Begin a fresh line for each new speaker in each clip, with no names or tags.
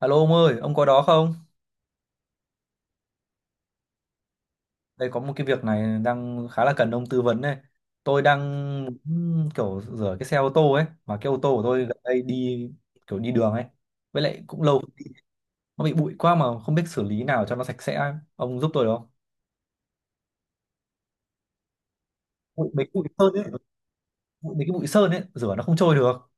Alo ông ơi, ông có đó không? Đây có một cái việc này đang khá là cần ông tư vấn này. Tôi đang muốn kiểu rửa cái xe ô tô ấy, mà cái ô tô của tôi gần đây đi kiểu đi đường ấy. Với lại cũng lâu nó bị bụi quá mà không biết xử lý nào cho nó sạch sẽ ấy. Ông giúp tôi được không? Bụi, mấy cái bụi sơn ấy, bụi, mấy cái bụi sơn ấy rửa nó không trôi được.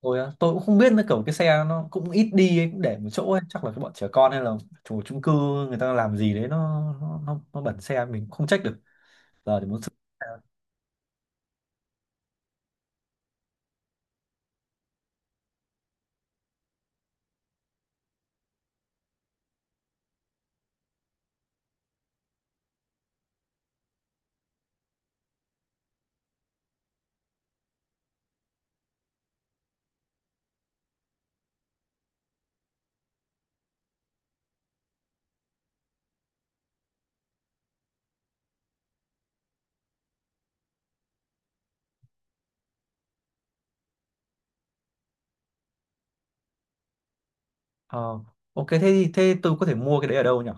Tôi cũng không biết nữa kiểu cái xe nó cũng ít đi ấy, cũng để một chỗ ấy, chắc là cái bọn trẻ con hay là chủ chung cư người ta làm gì đấy nó bẩn xe mình cũng không trách được. Giờ thì muốn xử Ờ, ok, thế tôi có thể mua cái đấy ở đâu nhỉ?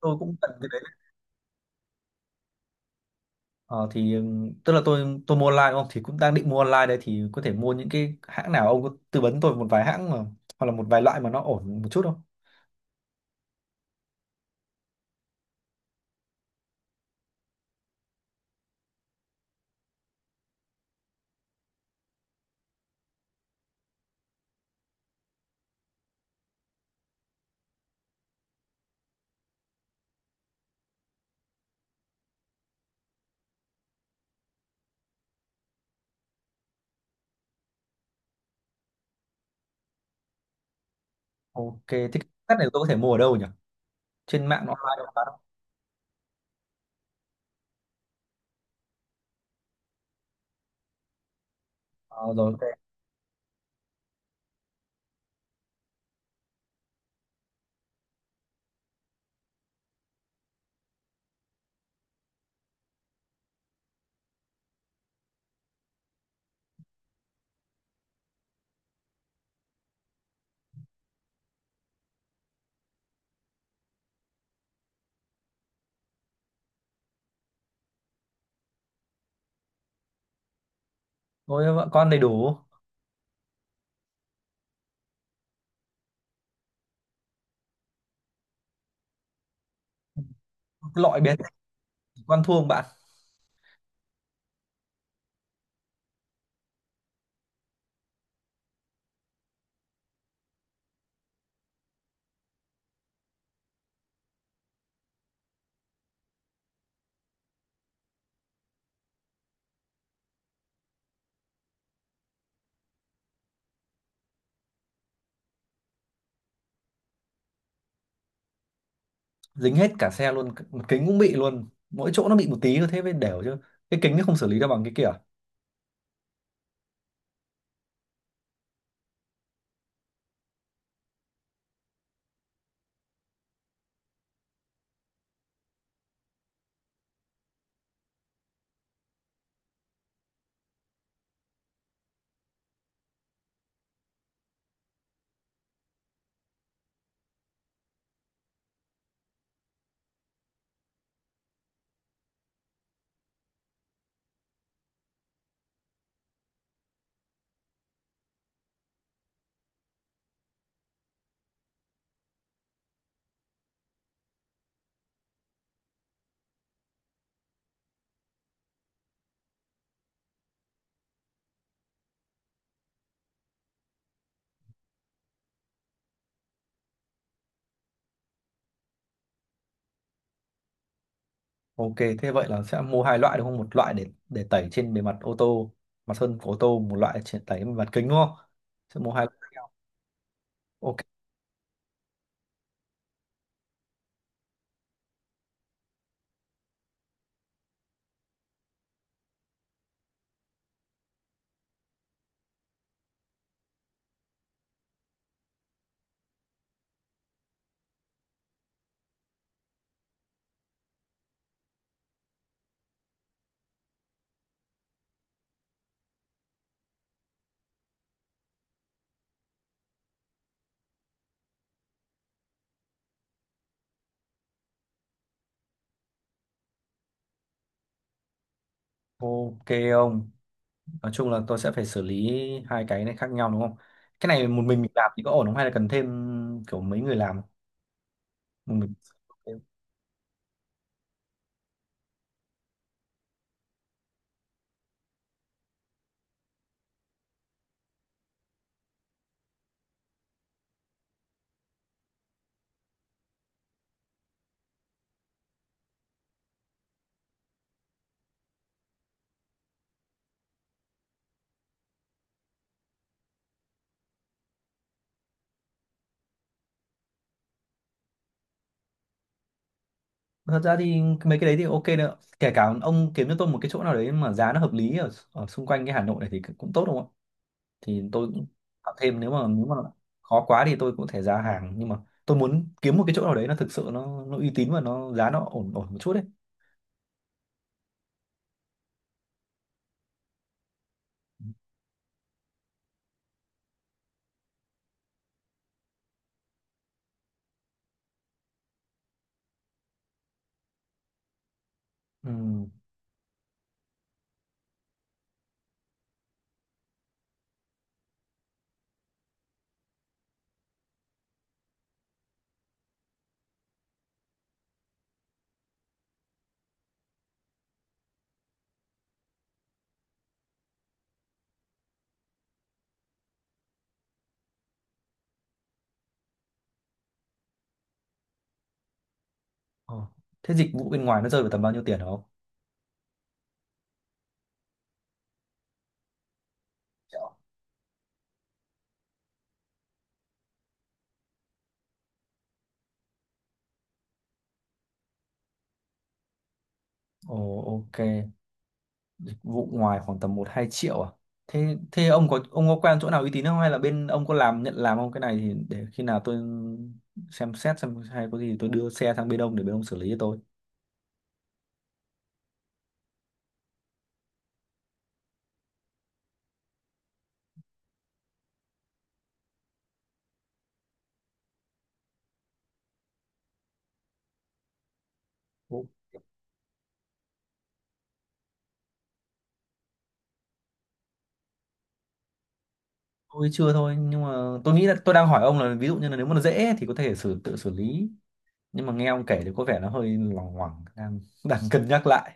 Tôi cũng cần cái đấy. Ờ, thì tức là tôi mua online đúng không? Thì cũng đang định mua online đây, thì có thể mua những cái hãng nào? Ông có tư vấn tôi một vài hãng mà hoặc là một vài loại mà nó ổn một chút không? Ok, thế cái set này tôi có thể mua ở đâu nhỉ? Trên mạng nó online đâu bán không? Ờ, rồi ok. Ôi vợ con đầy đủ. Cái loại bé tí con thua không bạn? Dính hết cả xe luôn, một kính cũng bị luôn. Mỗi chỗ nó bị một tí thôi thế mới đều chứ. Cái kính nó không xử lý được bằng cái kia. Ok, thế vậy là sẽ mua hai loại đúng không? Một loại để tẩy trên bề mặt ô tô, mặt sơn của ô tô, một loại để tẩy bề mặt kính đúng không? Sẽ mua hai loại khác nhau. Ok, ok, ông. Nói chung là tôi sẽ phải xử lý hai cái này khác nhau đúng không? Cái này một mình làm thì có ổn không? Hay là cần thêm kiểu mấy người làm? Một mình. Thật ra thì mấy cái đấy thì ok nữa. Kể cả ông kiếm cho tôi một cái chỗ nào đấy mà giá nó hợp lý ở xung quanh cái Hà Nội này thì cũng tốt đúng không, thì tôi cũng tạo thêm, nếu mà khó quá thì tôi cũng có thể ra hàng, nhưng mà tôi muốn kiếm một cái chỗ nào đấy nó thực sự nó uy tín và nó giá nó ổn ổn một chút đấy. Ừ. Ờ. Thế dịch vụ bên ngoài nó rơi vào tầm bao nhiêu tiền hả ông? Triệu. Ồ, ok, dịch vụ ngoài khoảng tầm một hai triệu à? Thế thế ông có quen chỗ nào uy tín không, hay là bên ông có làm, nhận làm không cái này, thì để khi nào tôi xem xét xem, hay có gì tôi đưa xe sang bên ông để bên ông xử lý cho tôi. Tôi chưa thôi, nhưng mà tôi nghĩ là tôi đang hỏi ông là ví dụ như là nếu mà nó dễ thì có thể tự xử lý, nhưng mà nghe ông kể thì có vẻ nó hơi loằng ngoằng, đang đang cân nhắc lại.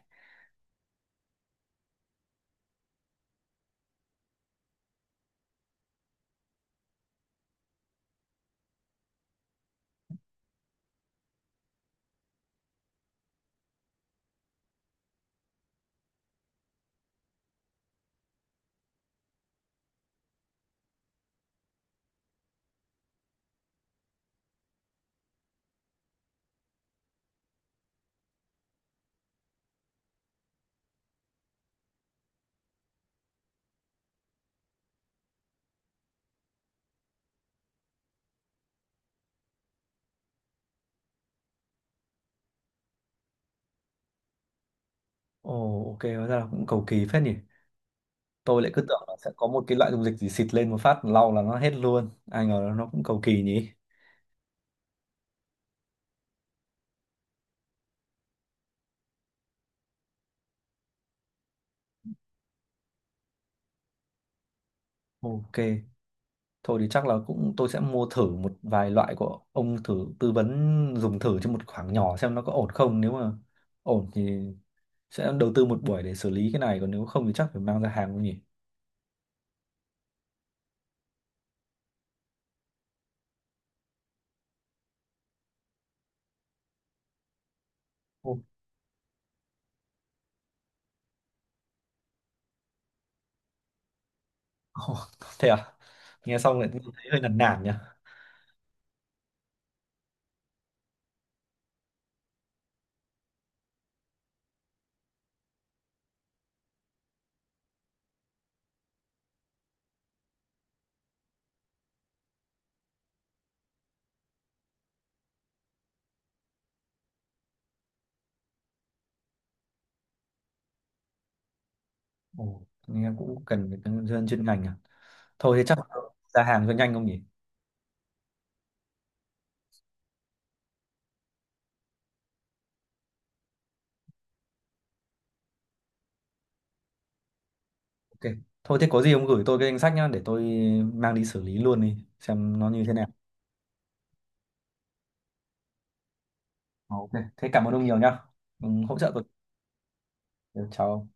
Ồ, ok, hóa ra là cũng cầu kỳ phết nhỉ. Tôi lại cứ tưởng là sẽ có một cái loại dung dịch gì xịt lên một phát lau là nó hết luôn, ai ngờ là nó cũng cầu kỳ nhỉ. Ok, thôi thì chắc là cũng tôi sẽ mua thử một vài loại của ông thử tư vấn, dùng thử cho một khoảng nhỏ xem nó có ổn không, nếu mà ổn thì sẽ đầu tư một buổi để xử lý cái này, còn nếu không thì chắc phải mang ra hàng không nhỉ. Ồ, thế à, nghe xong lại thấy hơi nản nản nhỉ. Ồ, nghe cũng cần phải nhân viên chuyên ngành à. Thôi thế chắc ra hàng cho nhanh không nhỉ. Ok, thôi thế có gì ông gửi tôi cái danh sách nhá, để tôi mang đi xử lý luôn đi xem nó như thế nào. Ờ, ok, thế cảm ơn ông nhiều nhá. Ừ, hỗ trợ tôi. Ừ, chào ông.